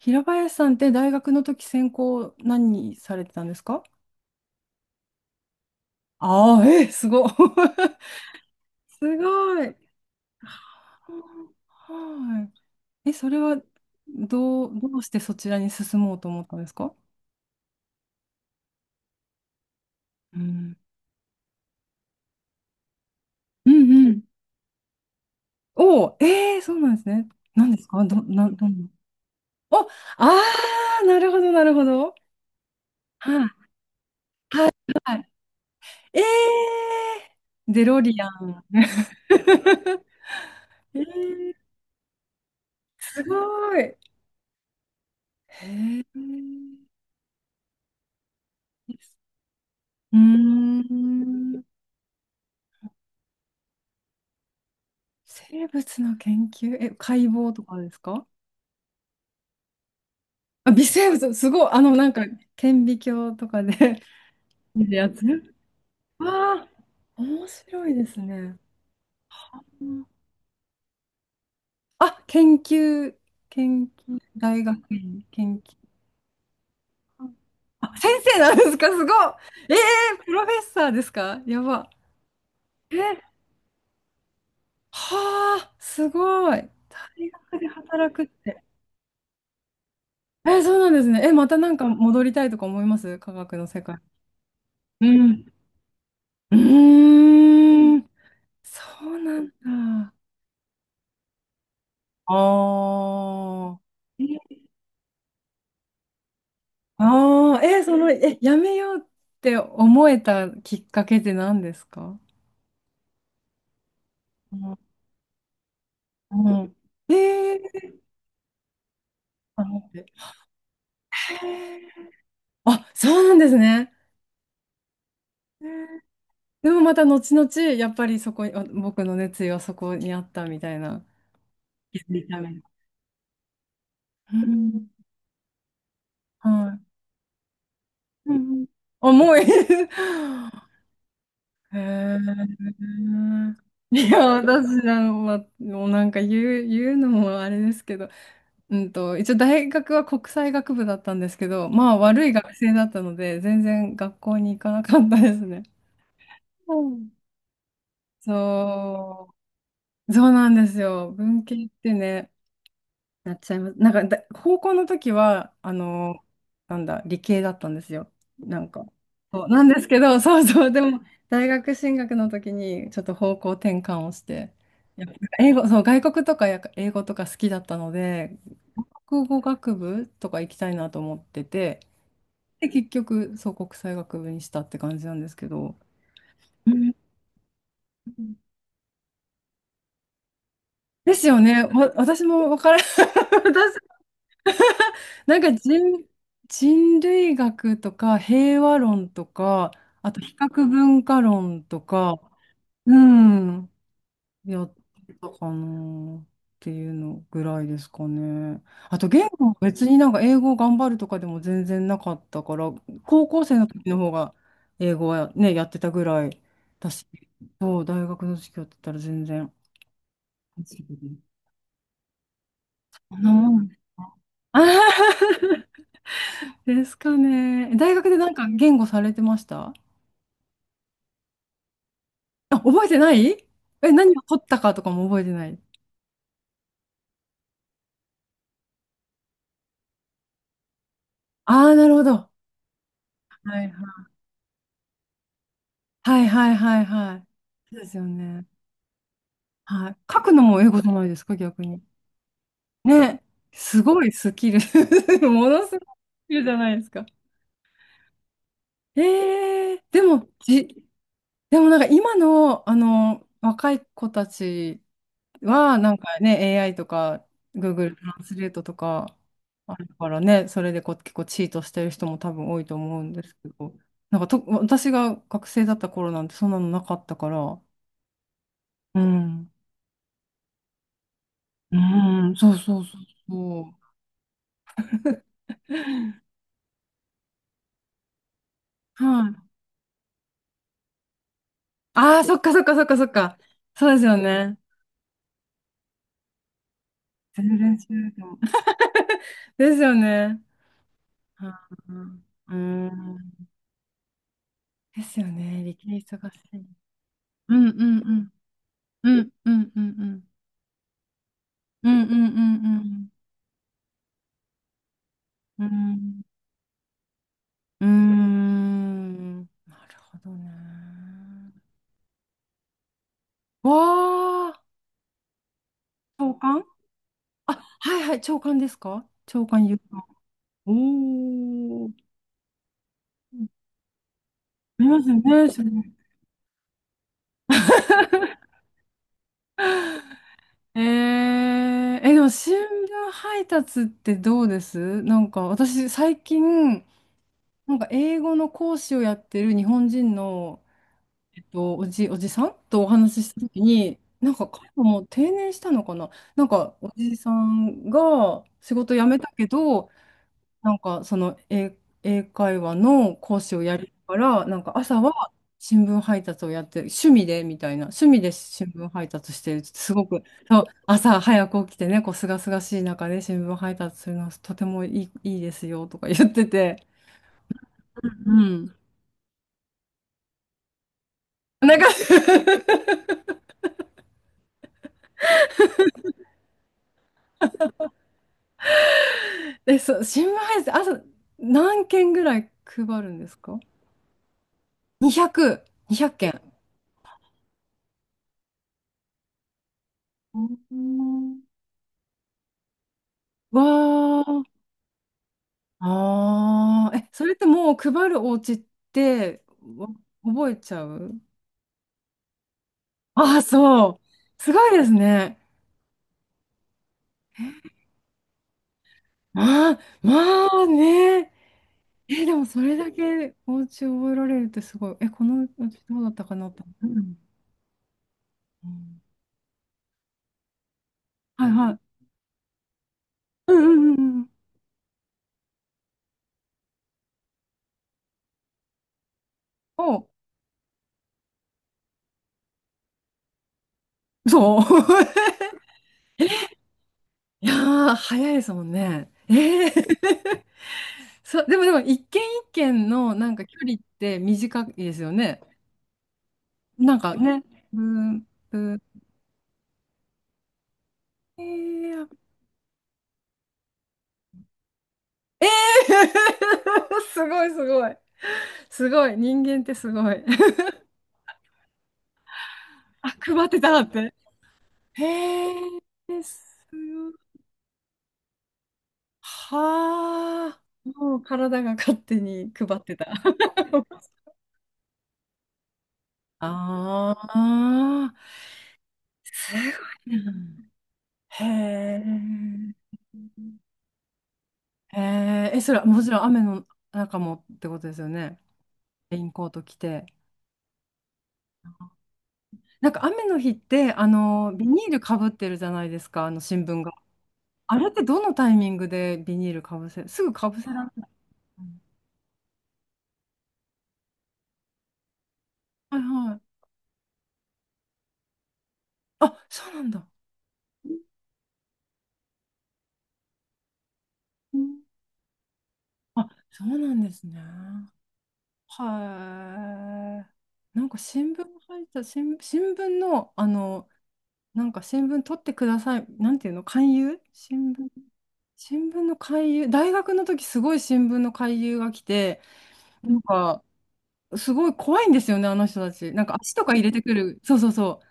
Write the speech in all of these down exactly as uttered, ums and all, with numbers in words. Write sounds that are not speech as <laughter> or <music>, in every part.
平林さんって大学の時専攻何されてたんですか？ああー、えー、すごい。<laughs> すごい。はい。え、それはどう、どうしてそちらに進もうと思ったんですか？うん。うんうん。おお、えー、そうなんですね。何ですか？ど、な、どんな？お、ああ、なるほど、なるほど。はい、はい、はい。えー、デロリアン。<laughs> えー、すごい。へえ。うーん。生物の研究、え、解剖とかですか？あ、微生物、すごい、あの、なんか、顕微鏡とかで <laughs> 見るやつ。わあ、面白いですね。うん。あ、研究、研究、大学院、研究。あ、先生なんですか？すごい。えー、プロフェッサーですか？やば。え、はあ、すごい。大学で働くって。え、そうなんですね。え、またなんか戻りたいとか思います？科学の世界。うん。うーん。そうなんだ。あーあー。え、その、え、やめようって思えたきっかけって何ですか？うんうん。えー、あ待って。へー。あ、そうなんですね。へー。でもまた後々、やっぱりそこに、あ僕の熱意はそこにあったみたいな。気づいたみたいな。うん、はい。うんうん。重い。<laughs> へえ。いや、私、あの、ま、もうなんか言う、言うのもあれですけど、うんと、一応大学は国際学部だったんですけど、まあ悪い学生だったので、全然学校に行かなかったですね。うん。そう、そうなんですよ。文系ってね、なっちゃいます。なんかだ、高校の時は、あの、なんだ、理系だったんですよ。なんか。そうなんですけど、<laughs> そうそう、でも、大学進学の時に、ちょっと方向転換をして、やっぱ英語、そう、外国とかやっぱ英語とか好きだったので、国語学部とか行きたいなと思ってて、で、結局、そう、国際学部にしたって感じなんですけど。うん。ですよね。わ、私もわから、<laughs> 私なんか人、人類学とか平和論とか、あと比較文化論とか、うん、やってたかなっていうのぐらいですかね。あと言語は別になんか英語を頑張るとかでも全然なかったから、高校生の時の方が英語はね、やってたぐらいだし、そう、大学の授業だったら全然。あの <laughs> ですかね。大学でなんか言語されてました？あ、覚えてない？え、何を取ったかとかも覚えてない。ああー、なるほど。はいはいはいはいはいはい。そうですよね。はい。書くのも英語じゃないですか、逆に。ね。すごいスキル。<laughs> ものすごいスキルじゃないですか。ええでも、じ、でもなんか今の、あの、若い子たちは、なんかね、エーアイ とか Google トランスレートとかあるからね、それでこう結構チートしてる人も多分多いと思うんですけど、なんかと、私が学生だった頃なんてそんなのなかったから、うん。うん、そうそうそうそう。はい。ああ、そっかそっかそっかそっか。そうですよね。全然違うかも。<laughs> ですよね。うんうん。うん。ですよね。理系忙しい。うんうんうん。うんうんうんうん。うんうんうんうん。うん。うーん。なるほどね。わあ、長官。あ、はいはい、長官ですか？長官言うか。おお。ありますね、それ。えー、え、でも新聞配達ってどうです？なんか私最近、なんか英語の講師をやってる日本人のえっと、おじ、おじさんとお話ししたときに、なんか彼ももう定年したのかな、なんかおじさんが仕事辞めたけど、なんかその英、英会話の講師をやるから、なんか朝は新聞配達をやってる、趣味でみたいな、趣味で新聞配達してる、すごく、そう朝早く起きてね、こう、すがすがしい中で新聞配達するのはとてもいい、いいですよとか言ってて、うん。なんか <laughs> え、そう、新聞配達、朝何件ぐらい配るんですか？ にひゃく、にひゃっけん。うん。わー、あー、え、それってもう配るお家ってわ覚えちゃう？あー、そう。すごいですね。ああ、まあね。え、でもそれだけお家覚えられるってすごい。え、このお家どうだったかなと。うんうん。はいはい。うんうんうんうん。お、そう。<laughs> いやー、早いですもんね。ええ <laughs> そう、でもでも、一軒一軒のなんか距離って短いですよね。なんかね、ブン、ブン、えー、あ <laughs> すごいすごい。すごい、人間ってすごい。<laughs> あ、配ってたって。へえ、すごい。はあ、もう体が勝手に配ってた。<laughs> ああ、すごいな。へえ。へえ、え、それはもちろん雨の中もってことですよね。レインコート着て。なんか雨の日って、あの、ビニールかぶってるじゃないですか、あの新聞が。あれってどのタイミングでビニールかぶせ、すぐかぶせられない？はいはい。あ、そうなんだ。うん。あ、そうなんですね。はい。なんか新聞配達、新、新聞の、あの、なんか新聞取ってください。なんていうの、勧誘、新聞新聞の勧誘、大学の時すごい新聞の勧誘が来て、なんか、すごい怖いんですよね、あの人たち。なんか足とか入れてくる。そうそうそう。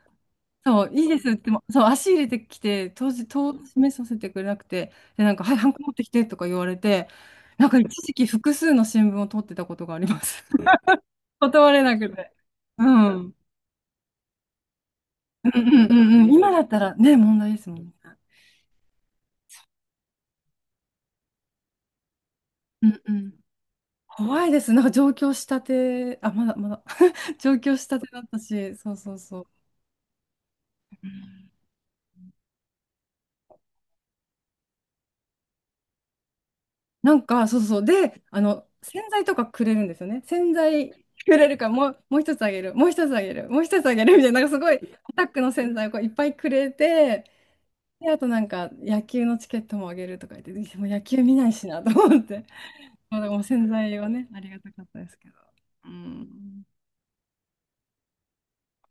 そう、いいですっても、そう、足入れてきて、当時、当示させてくれなくて、で、なんか、はい、ハンコ持ってきてとか言われて、なんか一時期複数の新聞を取ってたことがあります。<laughs> 断れなくて。うん。うんうんうんうん。今だったらね、問題ですもんね。うんうん。怖いです。なんか上京したて、あ、まだまだ <laughs> 上京したてだったし、そうそうそう。なんか、そうそう。で、あの、洗剤とかくれるんですよね。洗剤くれるから、もう、もう一つあげる、もう一つあげる、もう一つあげるみたいな、なんかすごい、アタックの洗剤をこういっぱいくれて、で、あとなんか、野球のチケットもあげるとか言って、でもう野球見ないしなと思って、<laughs> まあ、でも洗剤はね、ありがたかったですけど。うん。